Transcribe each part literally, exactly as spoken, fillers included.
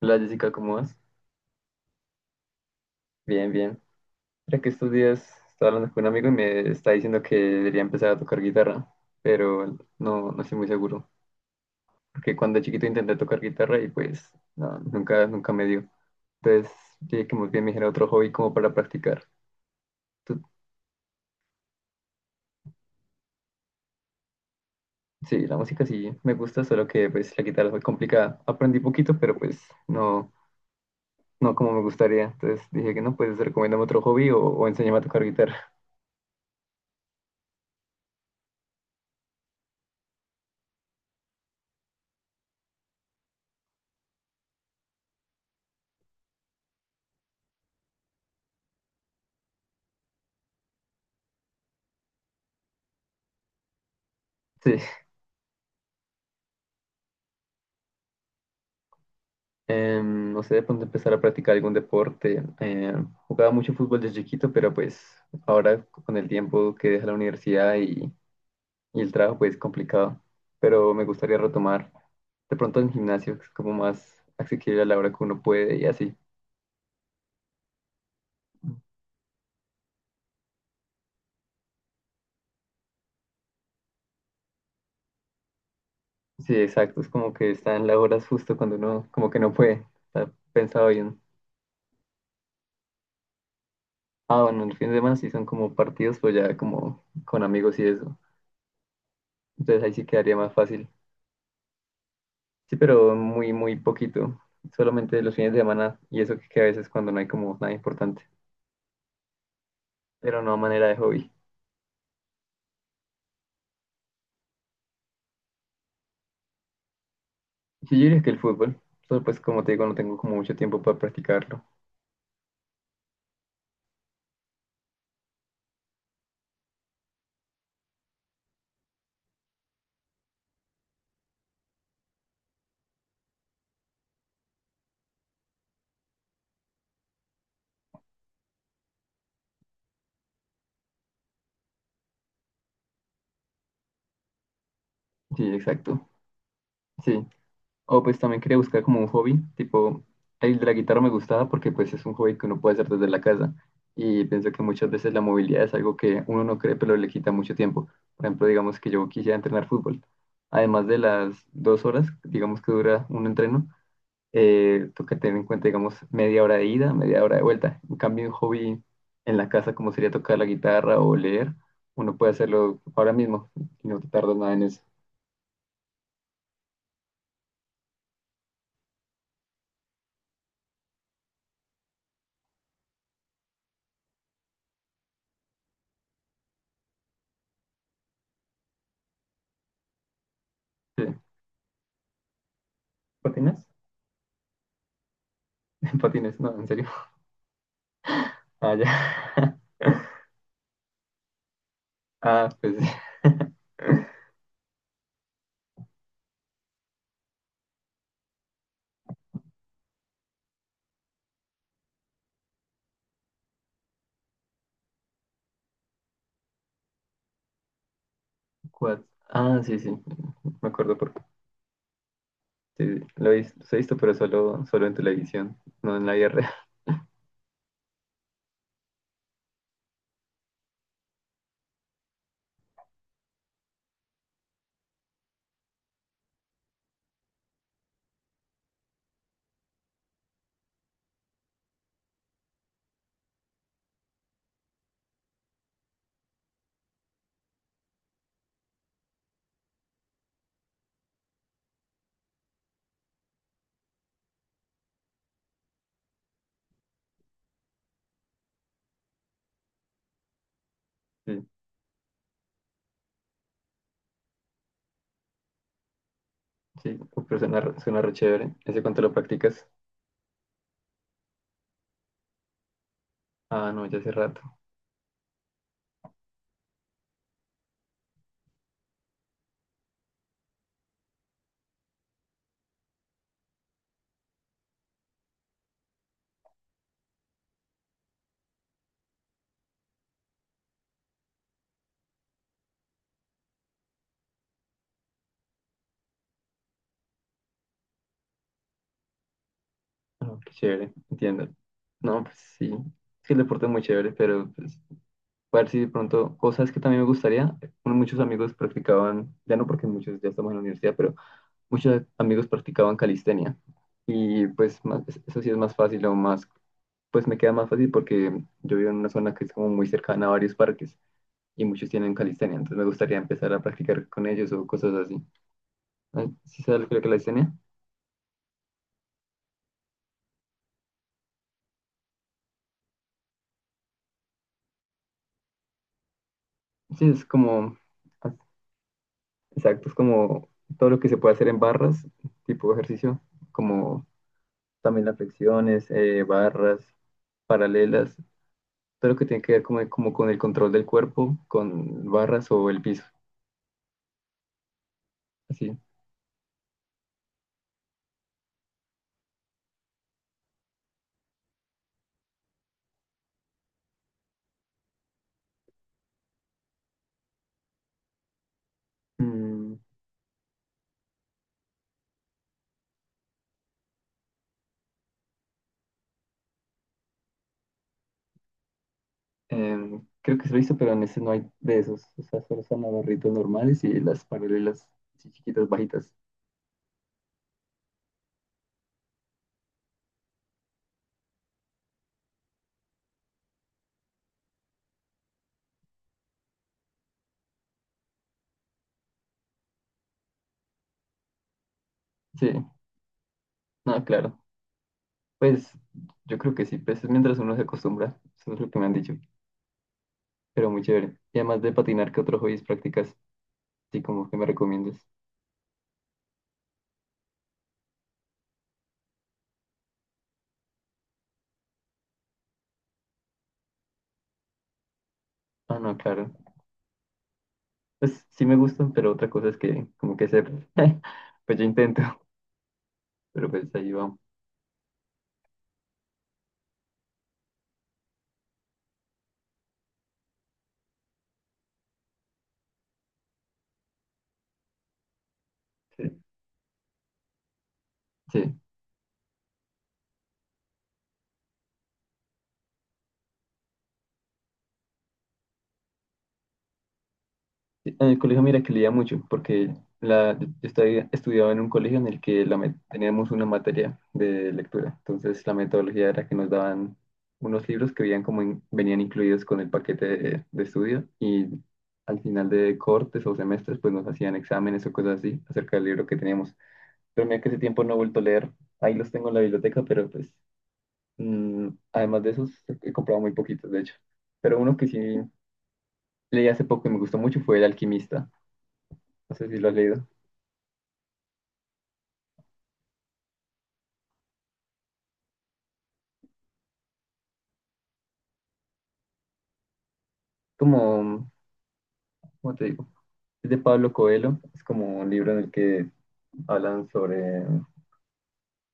Hola Jessica, ¿cómo vas? Bien, bien. Mira que estos días estaba hablando con un amigo y me está diciendo que debería empezar a tocar guitarra, pero no, no estoy muy seguro, porque cuando chiquito intenté tocar guitarra y pues no, nunca, nunca me dio. Entonces dije que muy bien me dijera otro hobby como para practicar. Tú- sí, la música sí me gusta, solo que pues la guitarra es muy complicada. Aprendí poquito, pero pues no, no como me gustaría. Entonces dije que no, pues recomiéndame otro hobby o, o enséñame a tocar guitarra. Sí. Em, no sé, de pronto empezar a practicar algún deporte. Em, jugaba mucho fútbol desde chiquito, pero pues ahora con el tiempo que deja la universidad y, y el trabajo, pues es complicado. Pero me gustaría retomar de pronto en gimnasio, que es como más accesible a la hora que uno puede y así. Sí, exacto, es como que están las horas justo cuando uno como que no puede. Está pensado bien. Ah, bueno, el fin de semana sí son como partidos, pues ya como con amigos y eso. Entonces ahí sí quedaría más fácil. Sí, pero muy, muy poquito. Solamente los fines de semana y eso que, que a veces cuando no hay como nada importante. Pero no a manera de hobby. Sí, yo diría que el fútbol. Solo pues como te digo, no tengo como mucho tiempo para practicarlo. Sí, exacto. Sí. O pues también quería buscar como un hobby. Tipo, el de la guitarra me gustaba porque pues es un hobby que uno puede hacer desde la casa. Y pienso que muchas veces la movilidad es algo que uno no cree, pero le quita mucho tiempo. Por ejemplo, digamos que yo quisiera entrenar fútbol. Además de las dos horas, digamos que dura un entreno, eh, toca tener en cuenta, digamos, media hora de ida, media hora de vuelta. En cambio, un hobby en la casa, como sería tocar la guitarra o leer, uno puede hacerlo ahora mismo y no te tardas nada en eso. Sí. ¿Patines? ¿Patines? No, en serio. Ah, ya. Ah, pues sí. Quad. Ah, sí, sí, me acuerdo porque sí, sí, lo he visto, los he visto, pero solo, solo en televisión, no en la guerra. Sí, sí, pero suena, re- suena re chévere. ¿Hace cuánto lo practicas? Ah, no, ya hace rato. Oh, qué chévere, entiendo. No, pues sí, es que el deporte es muy chévere, pero pues, a ver si de pronto, o sabes que también me gustaría, bueno, muchos amigos practicaban, ya no porque muchos ya estamos en la universidad, pero muchos amigos practicaban calistenia y pues más- eso sí es más fácil o más, pues me queda más fácil porque yo vivo en una zona que es como muy cercana a varios parques y muchos tienen calistenia, entonces me gustaría empezar a practicar con ellos o cosas así. Ah, ¿sí sabes lo que es la calistenia? Sí, es como... Exacto, es como todo lo que se puede hacer en barras, tipo de ejercicio, como también las flexiones, eh, barras, paralelas, todo lo que tiene que ver como, como con el control del cuerpo, con barras o el piso, así. Mm, em, Creo que se lo hizo, pero en ese no hay de esos, o sea, solo están los barritos normales y las paralelas así chiquitas, bajitas. Sí, no, claro, pues yo creo que sí, pues es mientras uno se acostumbra, eso es lo que me han dicho, pero muy chévere. Y además de patinar, ¿qué otros hobbies practicas? Sí, como que me recomiendes. Ah, no, claro. Pues sí me gustan, pero otra cosa es que como que se... pues yo intento, pero pues ahí vamos. Sí. Sí. Sí, en el colegio mira que leía mucho, porque la, yo estaba- estudiaba en un colegio en el que la, met- teníamos una materia de lectura. Entonces la metodología era que nos daban unos libros que veían como in- venían incluidos con el paquete de, de estudio y al final de cortes o semestres pues nos hacían exámenes o cosas así acerca del libro que teníamos. Pero mira que ese tiempo no he vuelto a leer. Ahí los tengo en la biblioteca, pero pues mm, además de esos he comprado muy poquitos, de hecho. Pero uno que sí leí hace poco y me gustó mucho fue El Alquimista. No sé si lo has leído. Como, ¿cómo te digo? Es de Pablo Coelho. Es como un libro en el que hablan sobre...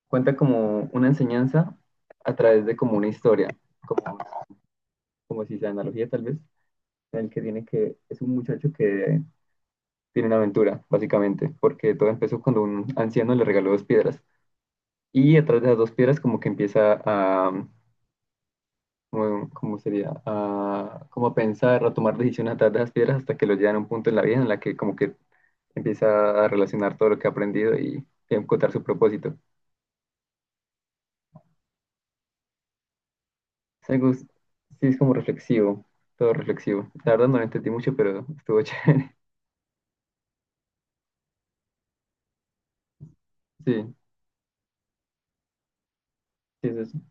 Cuenta como una enseñanza a través de como una historia, como, como si sea analogía tal vez, en el que tiene que... Es un muchacho que tiene una aventura, básicamente, porque todo empezó cuando un anciano le regaló dos piedras. Y a través de las dos piedras como que empieza a, mm, ¿cómo sería? A, como a pensar, a tomar decisiones a través de las piedras hasta que lo llevan a un punto en la vida en la que como que empieza a relacionar todo lo que ha aprendido y encontrar su propósito. Es algo- sí, es como reflexivo, todo reflexivo. La verdad no lo entendí mucho, pero estuvo chévere. Sí, sí, eso es, eso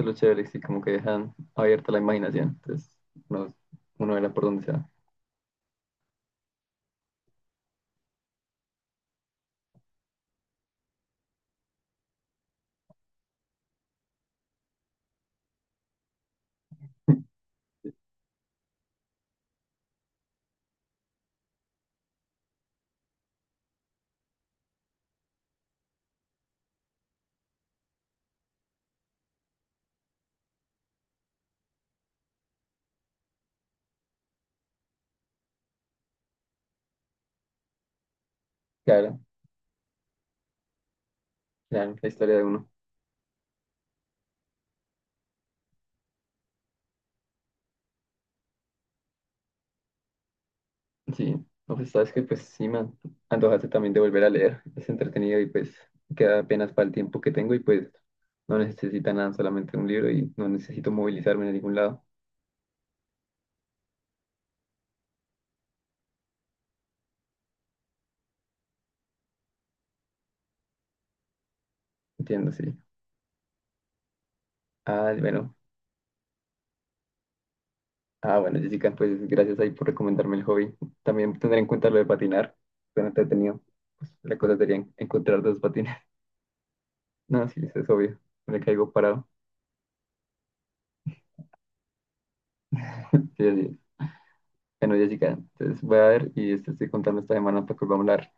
es lo chévere, sí, como que dejan abierta la imaginación. Entonces, uno, uno verá por dónde se va. Claro, claro, la historia de uno. Sí, no, pues sabes que pues sí me antojaste también de volver a leer. Es entretenido y pues queda apenas para el tiempo que tengo y pues no necesita nada, solamente un libro y no necesito movilizarme en ningún lado. Entiendo, sí. Ah, bueno. Ah, bueno, Jessica, pues gracias ahí por recomendarme el hobby. También tendré en cuenta lo de patinar. Suena entretenido. Pues la cosa sería en- encontrar dos patines. No, sí, eso es obvio. Me caigo parado. Sí, sí. Bueno, Jessica, entonces voy a ver y este estoy contando esta semana para que volvamos a hablar.